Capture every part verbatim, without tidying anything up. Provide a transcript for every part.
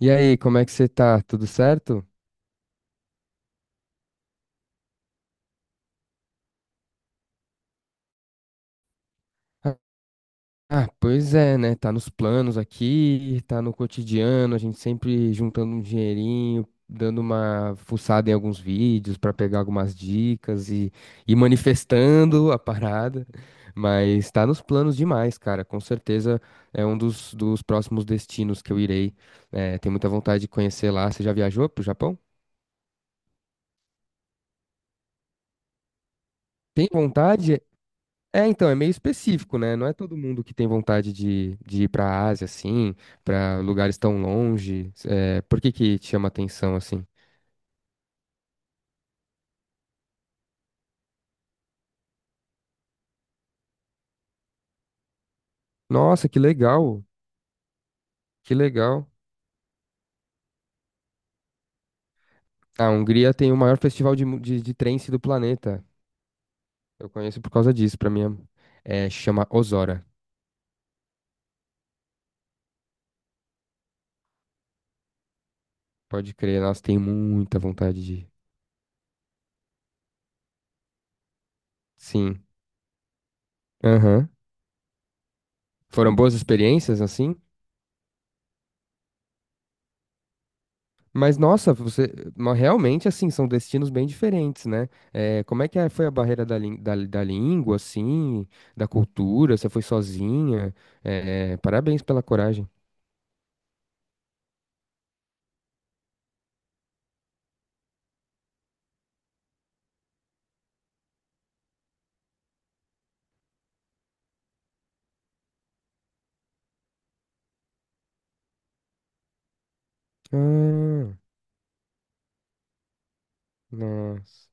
E aí, como é que você tá? Tudo certo? Ah, ah, pois é, né? Tá nos planos aqui, tá no cotidiano, a gente sempre juntando um dinheirinho, dando uma fuçada em alguns vídeos pra pegar algumas dicas e, e manifestando a parada. Mas tá nos planos demais, cara. Com certeza é um dos, dos próximos destinos que eu irei. É, tenho muita vontade de conhecer lá. Você já viajou pro Japão? Tem vontade? É, então, é meio específico, né? Não é todo mundo que tem vontade de, de ir pra Ásia, assim, pra lugares tão longe. É, por que que te chama atenção, assim? Nossa, que legal, que legal. A Hungria tem o maior festival de, mu- de, de trance do planeta. Eu conheço por causa disso, pra mim é, é- chama Ozora. Pode crer, nossa, tenho muita vontade de ir. Sim, aham. Foram boas experiências, assim? Mas nossa, você ma- realmente assim são destinos bem diferentes, né? Eh, como é que é- foi a barreira da, lin- da, da língua, assim, da cultura? Você foi sozinha? Eh, parabéns pela coragem. Ah, nossa.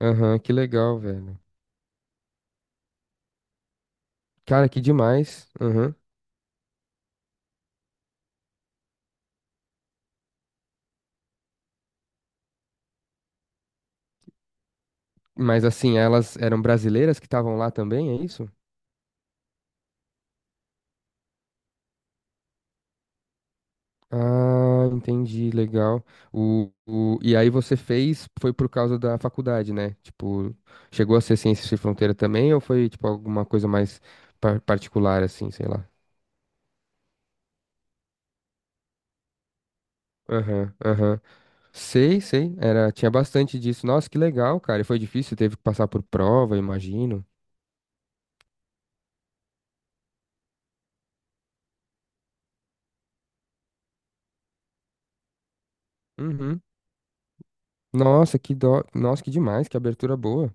Aham, que legal, velho. Cara, que demais. Aham. Mas assim, elas eram brasileiras que estavam lá também, é isso? Ah, entendi, legal. O, o- e aí você fez, foi por causa da faculdade, né? Tipo, chegou a ser Ciências Sem Fronteira também, ou foi, tipo, alguma coisa mais par- particular, assim, sei lá? Aham, aham. Sei, sei. Era, tinha bastante disso. Nossa, que legal, cara. E foi difícil, teve que passar por prova, imagino. Uhum. Nossa, que dó. Nossa, que demais, que abertura boa.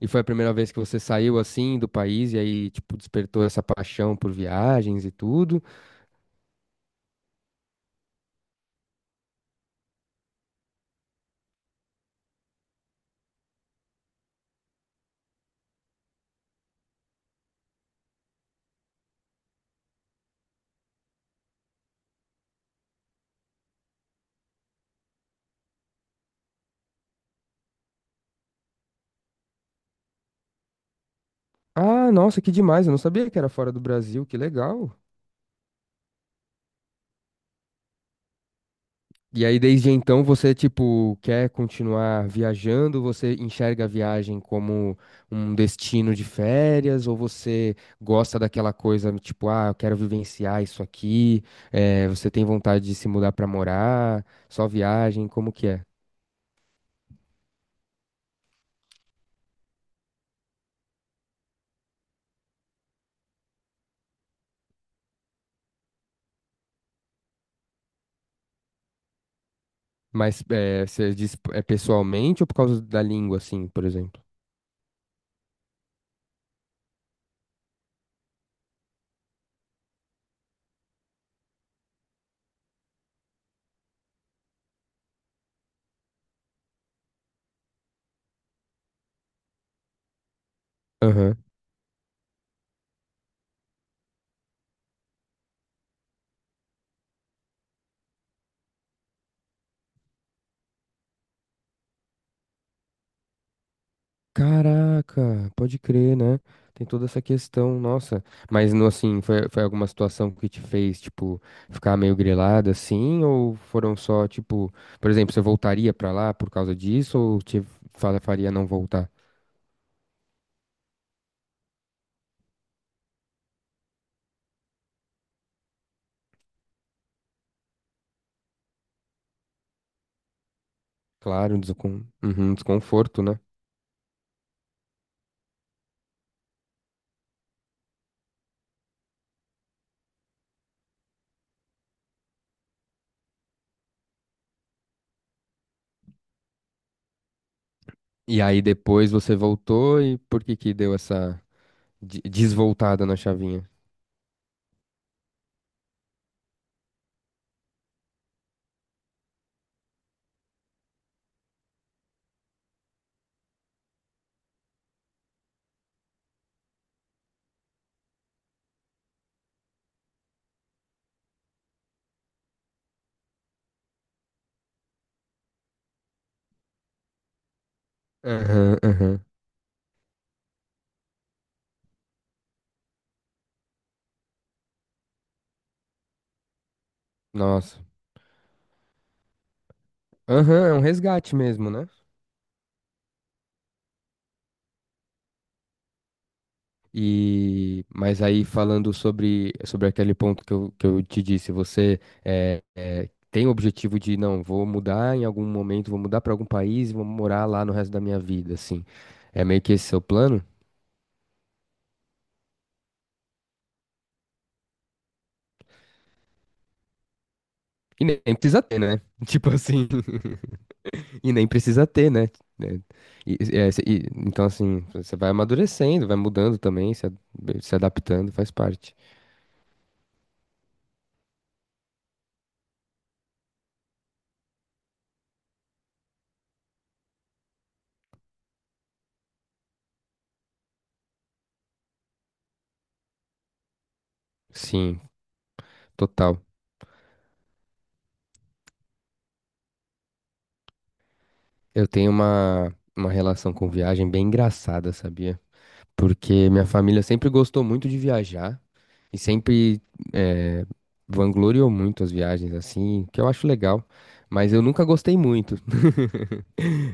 E foi a primeira vez que você saiu assim do país e aí, tipo, despertou essa paixão por viagens e tudo. Ah, nossa, que demais. Eu não sabia que era fora do Brasil. Que legal. E aí, desde então, você, tipo, quer continuar viajando? Você enxerga a viagem como um destino de férias? Ou você gosta daquela coisa, tipo, ah, eu quero vivenciar isso aqui? eh, você tem vontade de se mudar pra morar? Só viagem? Como que é? Mas eh, você diz é pessoalmente ou por causa da língua, assim, por exemplo? Caraca, pode crer, né? Tem toda essa questão, nossa. Mas no assim, foi, foi alguma situação que te fez, tipo, ficar meio grilada assim? Ou foram só, tipo, por exemplo, você voltaria pra lá por causa disso? Ou te fa- faria não voltar? Claro, um descon... uhum, desconforto, né? E aí depois você voltou e por que que deu essa de- desvoltada na chavinha? Aham, aham. Nossa. Aham, é um resgate mesmo, né? E, mas aí falando sobre, sobre aquele ponto que eu, que eu te disse, você eh, eh, tem o objetivo de, não, vou mudar em algum momento, vou mudar para algum país e vou morar lá no resto da minha vida, assim. É meio que esse seu plano? E nem nem precisa ter, né? Tipo assim, e nem precisa ter, né? Né? E- e- é, cê- e- então, assim, você vai amadurecendo, vai mudando também, se, a- se adaptando, faz parte. Sim, total. Eu tenho uma, uma relação com viagem bem engraçada, sabia? Porque minha família sempre gostou muito de viajar e sempre eh, vangloriou muito as viagens assim, que eu acho legal, mas eu nunca gostei muito.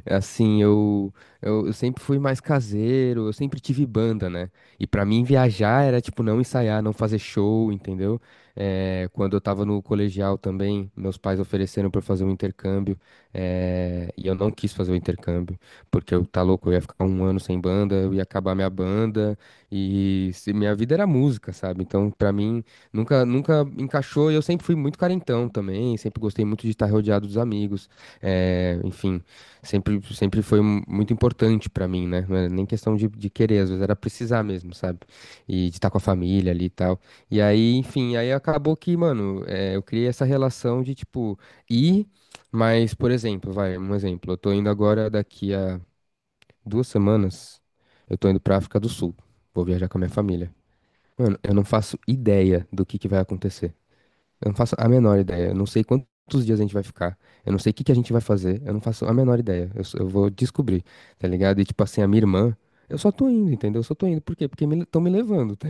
Assim, eu, eu, eu sempre fui mais caseiro, eu sempre tive banda, né? E pra mim viajar era tipo não ensaiar, não fazer show, entendeu? Eh, quando eu tava no colegial também, meus pais ofereceram pra eu fazer um intercâmbio, eh, e eu não quis fazer o intercâmbio, porque eu tá louco, eu ia ficar um ano sem banda, eu ia acabar minha banda, e se- minha vida era música, sabe? Então, pra mim, nunca, nunca encaixou, e eu sempre fui muito carentão também, sempre gostei muito de estar rodeado dos amigos. É, enfim, sempre, sempre foi mu- muito importante pra mim, né? Não era nem questão de, de querer, às vezes era precisar mesmo, sabe? E de estar com a família ali e tal. E aí, enfim, aí acabou que, mano, eh, eu criei essa relação de, tipo, ir, mas, por exemplo, vai, um exemplo, eu tô indo agora daqui a duas semanas, eu tô indo pra África do Sul, vou viajar com a minha família. Mano, eu não faço ideia do que que vai acontecer. Eu não faço a menor ideia. Eu não sei quantos dias a gente vai ficar. Eu não sei o que que a gente vai fazer. Eu não faço a menor ideia. Eu, só- eu vou descobrir, tá ligado? E tipo assim, a minha irmã, eu só tô indo, entendeu? Eu só tô indo. Por quê? Porque estão me, tão me levando, tá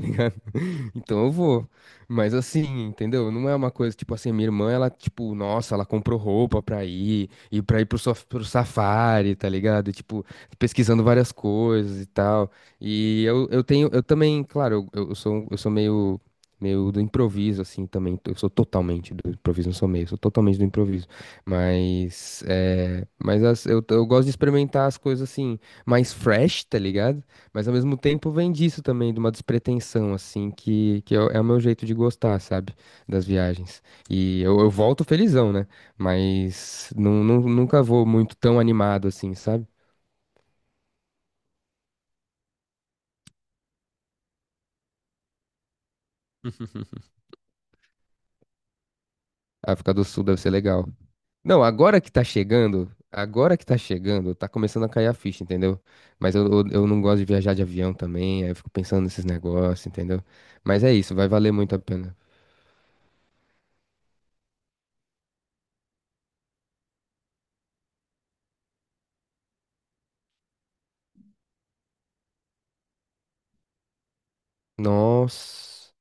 então eu vou. Mas assim, entendeu? Não é uma coisa, tipo assim, minha irmã, ela, tipo, nossa, ela comprou roupa pra ir, e pra ir pro, saf- pro safari, tá ligado? E, tipo, pesquisando várias coisas e tal. E eu, eu tenho, eu também, claro, eu, eu sou, um, eu sou meio, meio do improviso, assim, também. Eu sou totalmente do improviso, não sou meio, eu sou totalmente do improviso. Mas, é, mas as- eu, eu gosto de experimentar as coisas, assim, mais fresh, tá ligado? Mas ao mesmo tempo vem disso também, de uma despretensão, assim, que, que é, o é o meu jeito de gostar, sabe? Das viagens. E eu, eu volto felizão, né? Mas não, não, nunca vou muito tão animado assim, sabe? A África do Sul deve ser legal. Não, agora que tá chegando, agora que tá chegando, tá começando a cair a ficha, entendeu? Mas eu, eu, eu não gosto de viajar de avião também, aí eu fico pensando nesses negócios, entendeu? Mas é isso, vai valer muito a pena. Nossa.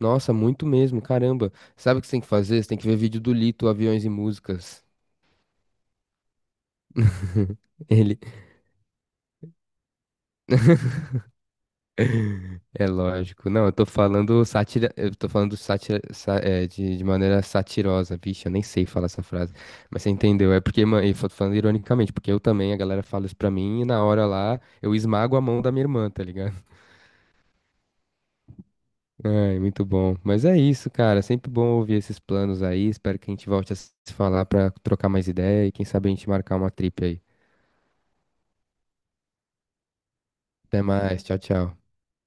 Nossa, muito mesmo, caramba. Sabe o que você tem que fazer? Você tem que ver vídeo do Lito, Aviões e Músicas. Ele. É lógico. Não, eu tô falando sátira, eu tô falando sátira, sa- é, de, de maneira satirosa, vixe, eu nem sei falar essa frase. Mas você entendeu? É porque, mano, eu tô falando ironicamente, porque eu também, a galera fala isso pra mim e na hora lá eu esmago a mão da minha irmã, tá ligado? Ai, muito bom. Mas é isso, cara. Sempre bom ouvir esses planos aí. Espero que a gente volte a se falar pra trocar mais ideia e quem sabe a gente marcar uma trip aí. Até mais. Tchau, tchau.